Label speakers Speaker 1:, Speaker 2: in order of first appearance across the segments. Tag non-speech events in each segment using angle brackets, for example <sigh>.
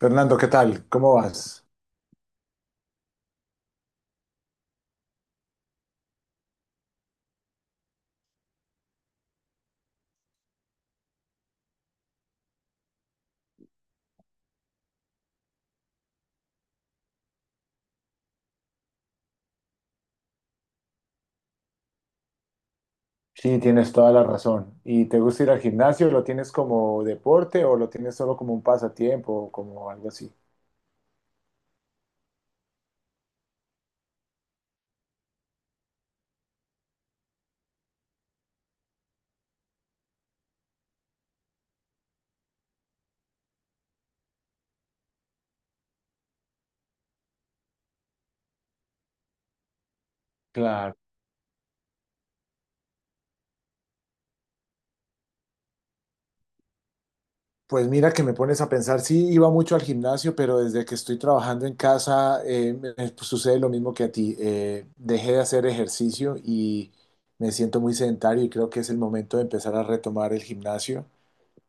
Speaker 1: Fernando, ¿qué tal? ¿Cómo vas? Sí, tienes toda la razón. ¿Y te gusta ir al gimnasio? ¿Lo tienes como deporte o lo tienes solo como un pasatiempo o como algo así? Claro, pues mira que me pones a pensar, sí, iba mucho al gimnasio, pero desde que estoy trabajando en casa me sucede lo mismo que a ti. Dejé de hacer ejercicio y me siento muy sedentario y creo que es el momento de empezar a retomar el gimnasio.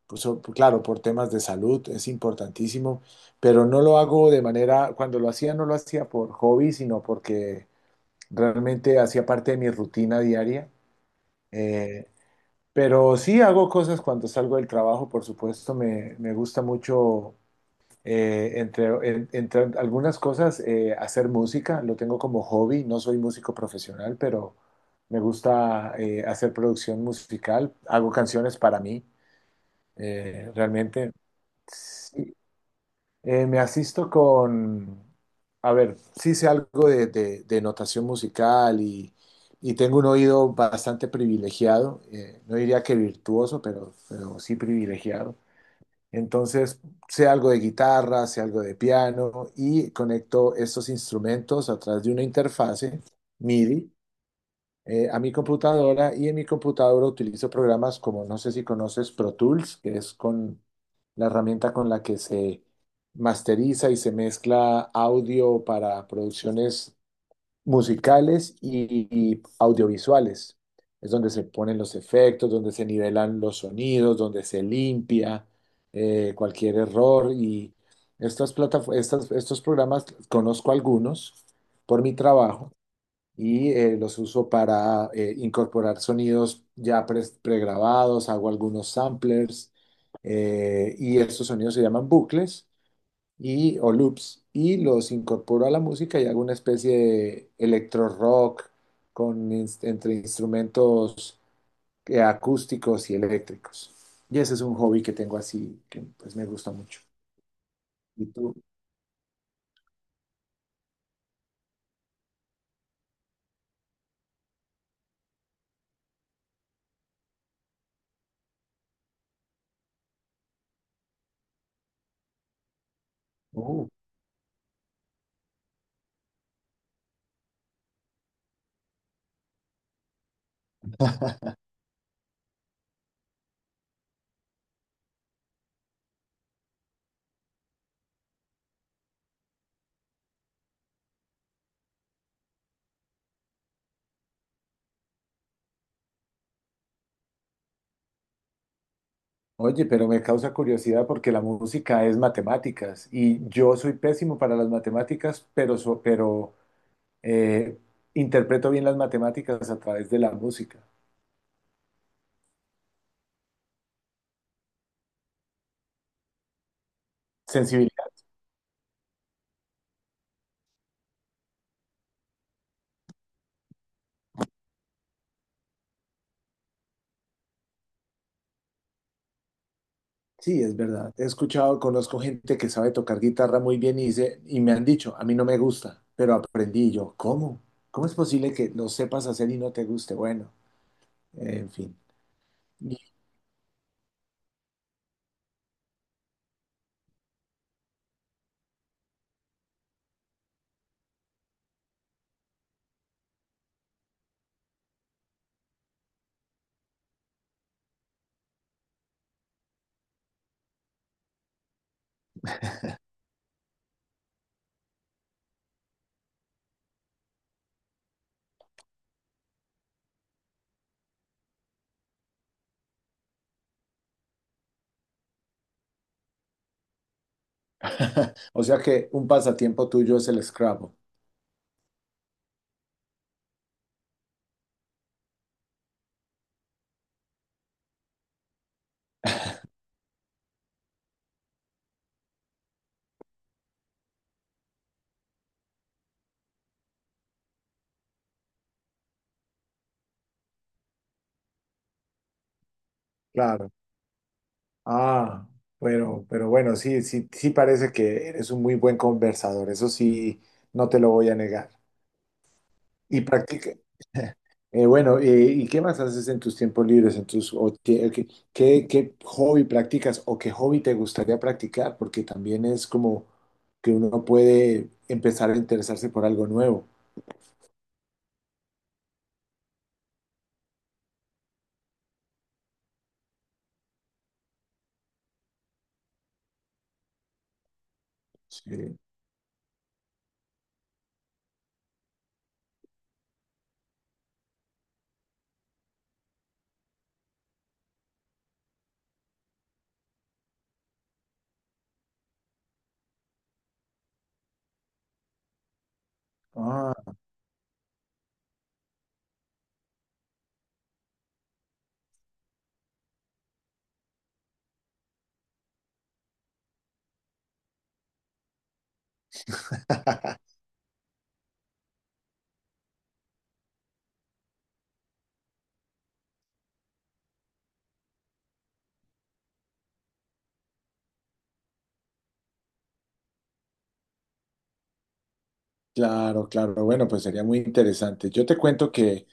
Speaker 1: Pues, claro, por temas de salud es importantísimo, pero no lo hago de manera, cuando lo hacía no lo hacía por hobby, sino porque realmente hacía parte de mi rutina diaria. Eh, pero sí hago cosas cuando salgo del trabajo, por supuesto, me gusta mucho, entre algunas cosas, hacer música, lo tengo como hobby, no soy músico profesional, pero me gusta hacer producción musical, hago canciones para mí, realmente. Sí, me asisto con, a ver, sí sé algo de, de notación musical y tengo un oído bastante privilegiado, no diría que virtuoso, pero sí privilegiado. Entonces, sé algo de guitarra, sé algo de piano y conecto estos instrumentos a través de una interfase MIDI a mi computadora y en mi computadora utilizo programas como, no sé si conoces Pro Tools, que es con la herramienta con la que se masteriza y se mezcla audio para producciones musicales y audiovisuales. Es donde se ponen los efectos, donde se nivelan los sonidos, donde se limpia cualquier error y estas plataformas, estos programas conozco algunos por mi trabajo y los uso para incorporar sonidos ya pregrabados, hago algunos samplers y estos sonidos se llaman bucles y, o loops y los incorporo a la música y hago una especie de electro rock con, entre instrumentos acústicos y eléctricos. Y ese es un hobby que tengo así, que pues me gusta mucho. ¿Y tú? Oh. Oye, pero me causa curiosidad porque la música es matemáticas y yo soy pésimo para las matemáticas, pero eh, interpreto bien las matemáticas a través de la música. Sensibilidad, sí, es verdad. He escuchado, conozco gente que sabe tocar guitarra muy bien y, dice, y me han dicho, a mí no me gusta, pero aprendí. Y yo, ¿cómo? ¿Cómo es posible que lo sepas hacer y no te guste? Bueno, en fin. <laughs> O sea que un pasatiempo tuyo es el Scrabble. Claro. Ah, bueno, pero bueno, sí, sí, sí, parece que eres un muy buen conversador, eso sí, no te lo voy a negar. Y practica, bueno, ¿y qué más haces en tus tiempos libres, en tus, o qué hobby practicas o qué hobby te gustaría practicar? Porque también es como que uno puede empezar a interesarse por algo nuevo. Sí. Ah, <laughs> claro, claro, bueno, pues sería muy interesante. Yo te cuento que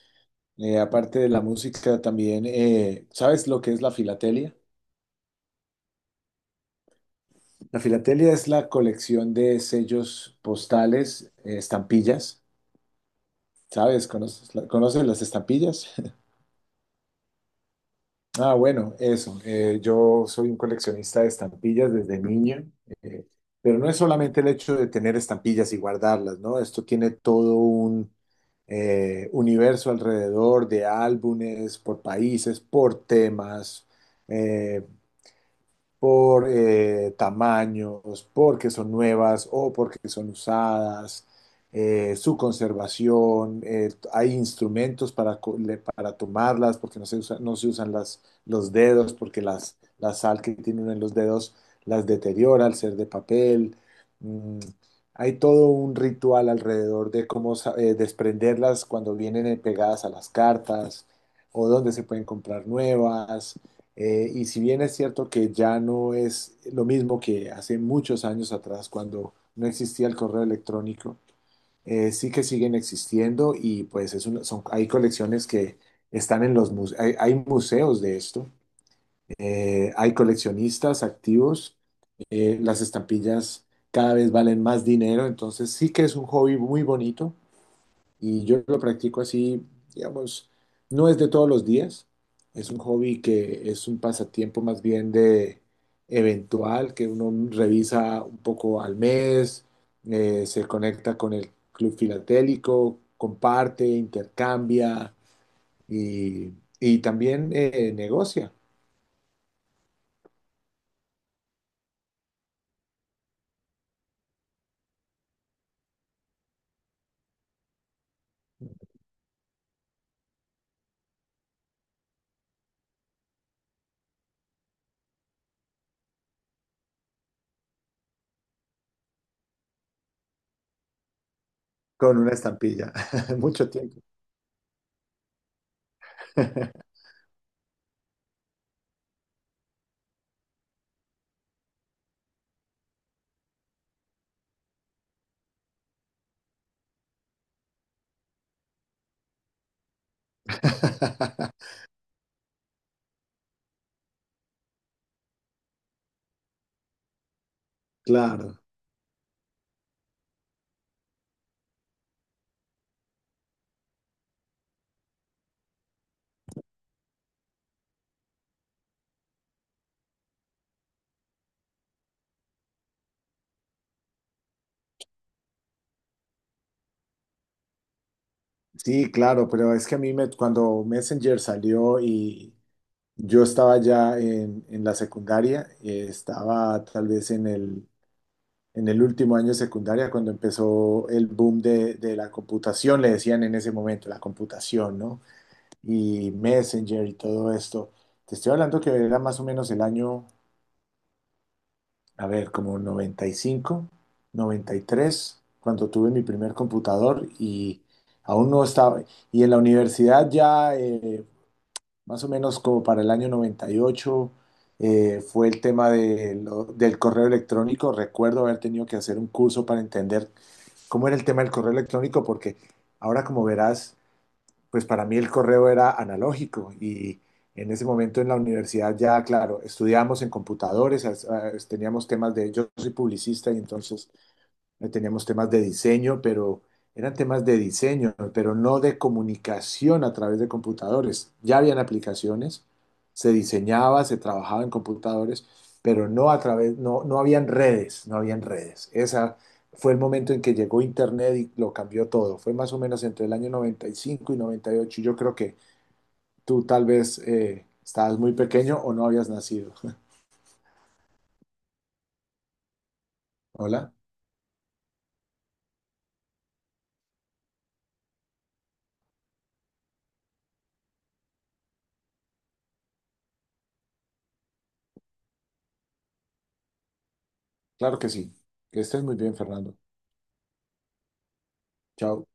Speaker 1: aparte de la música, también, ¿sabes lo que es la filatelia? La filatelia es la colección de sellos postales, estampillas. ¿Sabes? ¿Conoces, conoces las estampillas? <laughs> Ah, bueno, eso. Yo soy un coleccionista de estampillas desde niño, eh, pero no es solamente el hecho de tener estampillas y guardarlas, ¿no? Esto tiene todo un universo alrededor de álbumes, por países, por temas. eh, por tamaños, porque son nuevas o porque son usadas, su conservación, hay instrumentos para, para tomarlas, porque no se usan las, los dedos, porque las, la sal que tienen en los dedos las deteriora al ser de papel. Mm, hay todo un ritual alrededor de cómo desprenderlas cuando vienen pegadas a las cartas o dónde se pueden comprar nuevas. Y si bien es cierto que ya no es lo mismo que hace muchos años atrás, cuando no existía el correo electrónico, sí que siguen existiendo y pues es son, hay, colecciones que están en los museos, hay museos de esto, hay coleccionistas activos, las estampillas cada vez valen más dinero, entonces sí que es un hobby muy bonito. Y yo lo practico así, digamos, no es de todos los días, es un hobby que es un pasatiempo más bien de eventual, que uno revisa un poco al mes, se conecta con el club filatélico, comparte, intercambia y, y también negocia con una estampilla, <laughs> mucho tiempo. <laughs> Claro, sí, claro, pero es que a mí me, cuando Messenger salió y, yo estaba ya en la secundaria, estaba tal vez en el último año de secundaria cuando empezó el boom de la computación, le decían en ese momento, la computación, ¿no? Y Messenger y todo esto. Te estoy hablando que era más o menos el año, a ver, como 95, 93, cuando tuve mi primer computador y aún no estaba. Y en la universidad ya, más o menos como para el año 98, fue el tema de del correo electrónico. Recuerdo haber tenido que hacer un curso para entender cómo era el tema del correo electrónico, porque ahora como verás, pues para mí el correo era analógico y en ese momento en la universidad ya, claro, estudiábamos en computadores, teníamos temas de, yo soy publicista y entonces teníamos temas de diseño, pero eran temas de diseño, pero no de comunicación a través de computadores. Ya habían aplicaciones, se diseñaba, se trabajaba en computadores, pero no a través, no, no habían redes, no habían redes. Esa fue el momento en que llegó Internet y lo cambió todo. Fue más o menos entre el año noventa y 98. Yo creo que tú tal vez estabas muy pequeño o no habías nacido. <laughs> Hola, claro que sí. Que estés muy bien, Fernando. Chao.